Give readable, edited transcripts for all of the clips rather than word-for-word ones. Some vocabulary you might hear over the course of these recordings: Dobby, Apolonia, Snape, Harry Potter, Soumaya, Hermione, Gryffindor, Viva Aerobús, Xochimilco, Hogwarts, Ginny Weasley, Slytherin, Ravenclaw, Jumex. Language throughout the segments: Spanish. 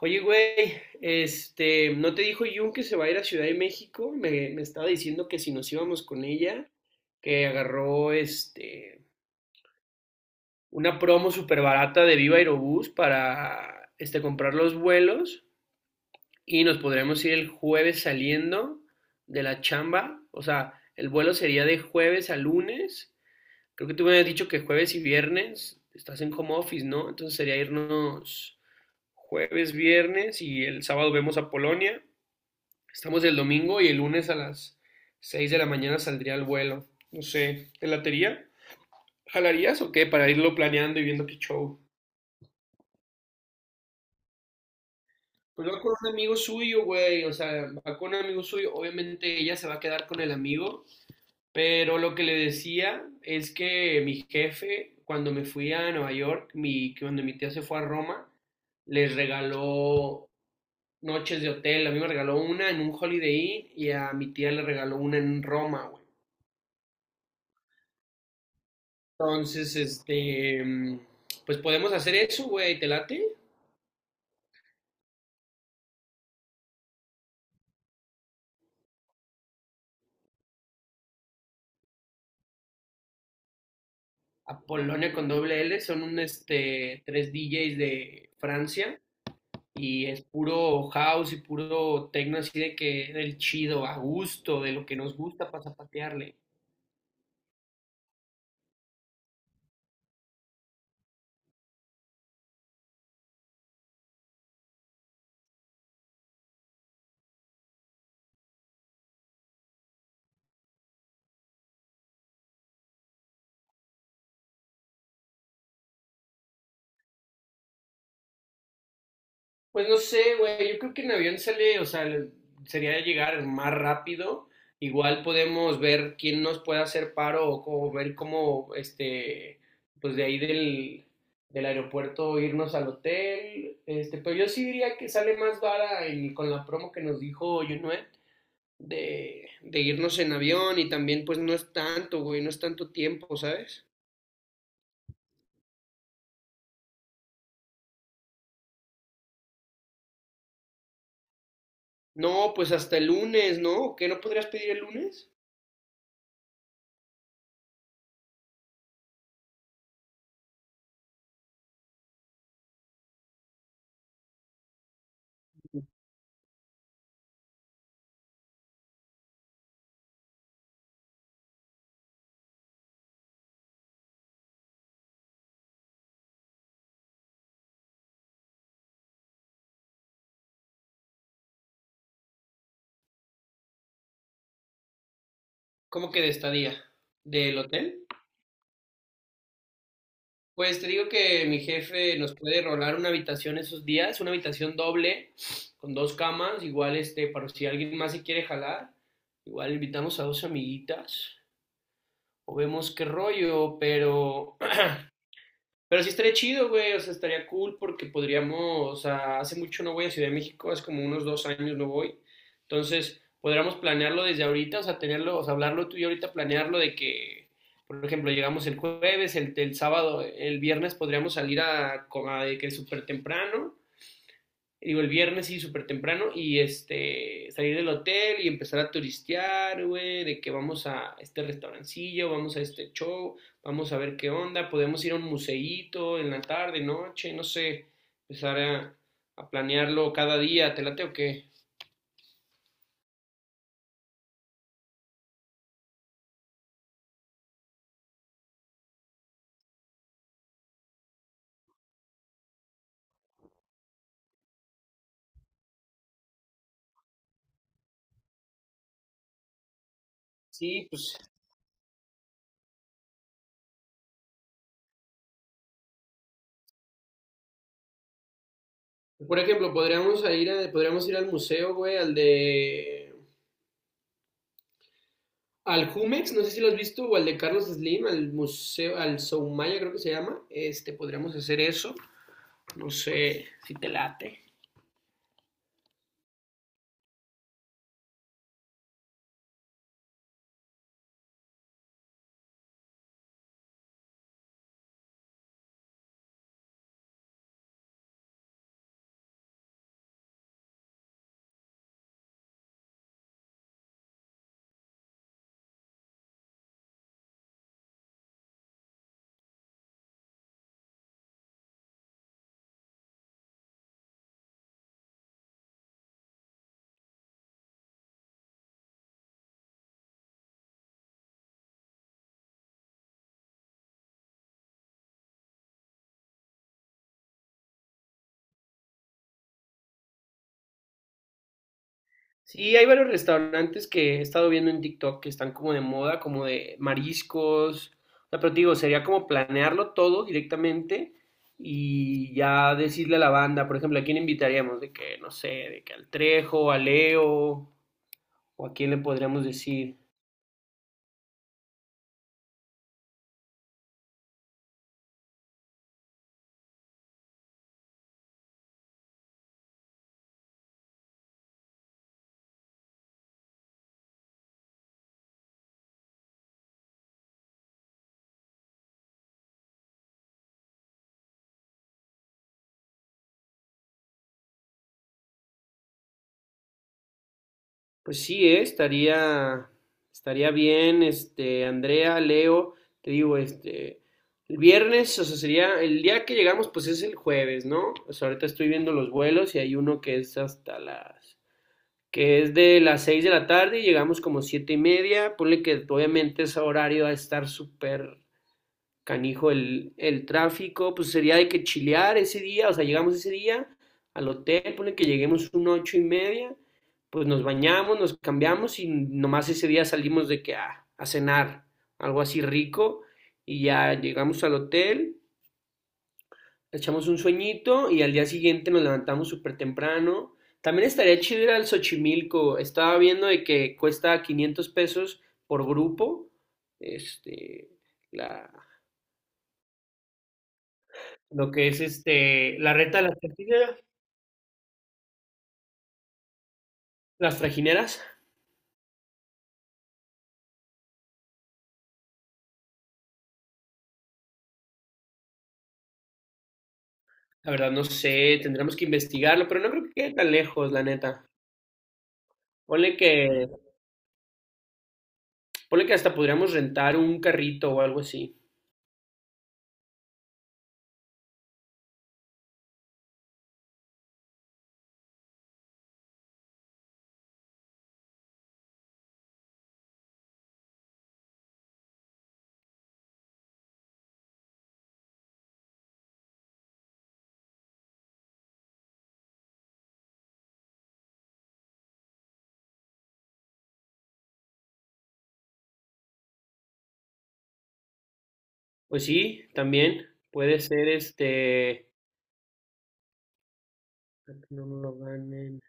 Oye, güey, ¿no te dijo Jun que se va a ir a Ciudad de México? Me estaba diciendo que si nos íbamos con ella, que agarró una promo súper barata de Viva Aerobús para comprar los vuelos y nos podremos ir el jueves saliendo de la chamba. O sea, el vuelo sería de jueves a lunes. Creo que tú me habías dicho que jueves y viernes estás en home office, ¿no? Entonces sería irnos jueves, viernes y el sábado vemos a Polonia. Estamos el domingo y el lunes a las 6 de la mañana saldría el vuelo. No sé, ¿te latería? ¿Jalarías o qué? Para irlo planeando y viendo qué show. Pues va con un amigo suyo, güey. O sea, va con un amigo suyo. Obviamente ella se va a quedar con el amigo. Pero lo que le decía es que mi jefe, cuando me fui a Nueva York, cuando mi tía se fue a Roma, les regaló noches de hotel. A mí me regaló una en un Holiday Inn y a mi tía le regaló una en Roma, güey. Entonces, pues podemos hacer eso, güey, ¿te late? Apolonia con doble L, son tres DJs de Francia y es puro house y puro techno así de que del chido, a gusto, de lo que nos gusta para zapatearle. Pues no sé, güey, yo creo que en avión sale, o sea, sería llegar más rápido. Igual podemos ver quién nos puede hacer paro o ver cómo, pues de ahí del aeropuerto irnos al hotel. Pero yo sí diría que sale más vara con la promo que nos dijo Junuet de irnos en avión y también pues no es tanto, güey, no es tanto tiempo, ¿sabes? No, pues hasta el lunes, ¿no? ¿Qué no podrías pedir el lunes? ¿Cómo que de estadía? ¿Del hotel? Pues te digo que mi jefe nos puede rolar una habitación esos días, una habitación doble, con dos camas, igual para si alguien más se quiere jalar, igual invitamos a dos amiguitas, o vemos qué rollo, pero sí estaría chido, güey, o sea, estaría cool porque podríamos, o sea, hace mucho no voy a Ciudad de México, hace como unos 2 años no voy. Entonces, podríamos planearlo desde ahorita, o sea, tenerlo, o sea, hablarlo tú y yo ahorita, planearlo de que, por ejemplo, llegamos el jueves, el viernes podríamos salir a de que súper temprano, digo, el viernes sí, súper temprano, y salir del hotel y empezar a turistear, güey, de que vamos a este restaurancillo, vamos a este show, vamos a ver qué onda, podemos ir a un museíto en la tarde, noche, no sé, empezar a planearlo cada día, ¿te late o qué? Sí, pues, por ejemplo, podríamos ir al museo, güey, al de... Al Jumex, no sé si lo has visto, o al de Carlos Slim, al museo, al Soumaya creo que se llama, podríamos hacer eso. No sé si te late. Sí, hay varios restaurantes que he estado viendo en TikTok que están como de moda, como de mariscos. O sea, pero te digo, sería como planearlo todo directamente y ya decirle a la banda, por ejemplo, ¿a quién invitaríamos? De que, no sé, de que al Trejo, a Leo, o a quién le podríamos decir. Pues sí, estaría bien, Andrea, Leo, te digo, el viernes, o sea, sería, el día que llegamos, pues es el jueves, ¿no? O sea, ahorita estoy viendo los vuelos y hay uno que es que es de las 6 de la tarde y llegamos como 7 y media, ponle que obviamente ese horario va a estar súper canijo el tráfico, pues sería de que chilear ese día, o sea, llegamos ese día al hotel, ponle que lleguemos un 8 y media, pues nos bañamos, nos cambiamos y nomás ese día salimos de que ah, a cenar, algo así rico, y ya llegamos al hotel, echamos un sueñito y al día siguiente nos levantamos súper temprano. También estaría chido ir al Xochimilco, estaba viendo de que cuesta 500 pesos por grupo, este, la, lo que es la reta de las trajineras, las trajineras. La verdad no sé, tendremos que investigarlo, pero no creo que quede tan lejos, la neta. Ponle que Ponle que hasta podríamos rentar un carrito o algo así. Pues sí, también puede ser. Para que no nos lo ganen.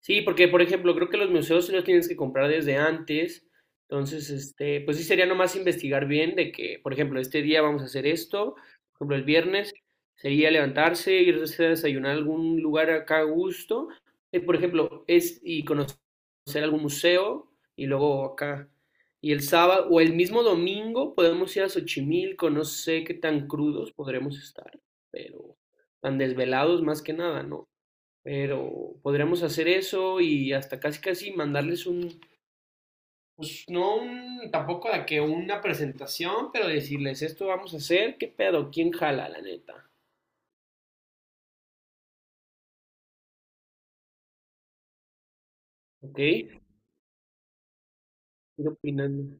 Sí, porque por ejemplo, creo que los museos sí los tienes que comprar desde antes. Entonces, pues sí sería nomás investigar bien de que, por ejemplo, este día vamos a hacer esto, por ejemplo, el viernes sería levantarse, irse a desayunar a algún lugar acá a gusto, por ejemplo, es y conocer algún museo y luego acá. Y el sábado o el mismo domingo podemos ir a Xochimilco, no sé qué tan crudos podremos estar, pero tan desvelados más que nada, ¿no? Pero podríamos hacer eso y hasta casi casi mandarles un, pues no un, tampoco de que una presentación, pero decirles esto vamos a hacer, qué pedo, quién jala, la neta. ¿Ok? Ir opinando.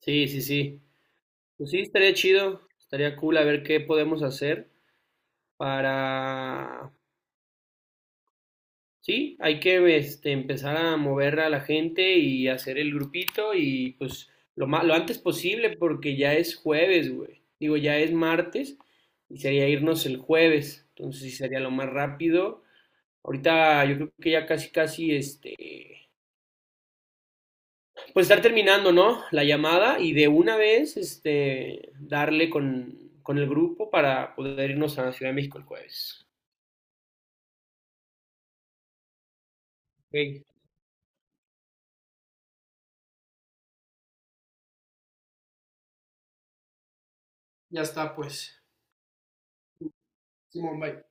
Sí, sí, sí. Pues sí, estaría chido, estaría cool a ver qué podemos hacer para. Sí, hay que empezar a mover a la gente y hacer el grupito y pues lo antes posible porque ya es jueves, güey. Digo, ya es martes y sería irnos el jueves. Entonces sí sería lo más rápido. Ahorita yo creo que ya casi casi pues estar terminando, ¿no? La llamada y de una vez darle con el grupo para poder irnos a Ciudad de México el jueves. Ok. Ya está, pues. Simón, bye.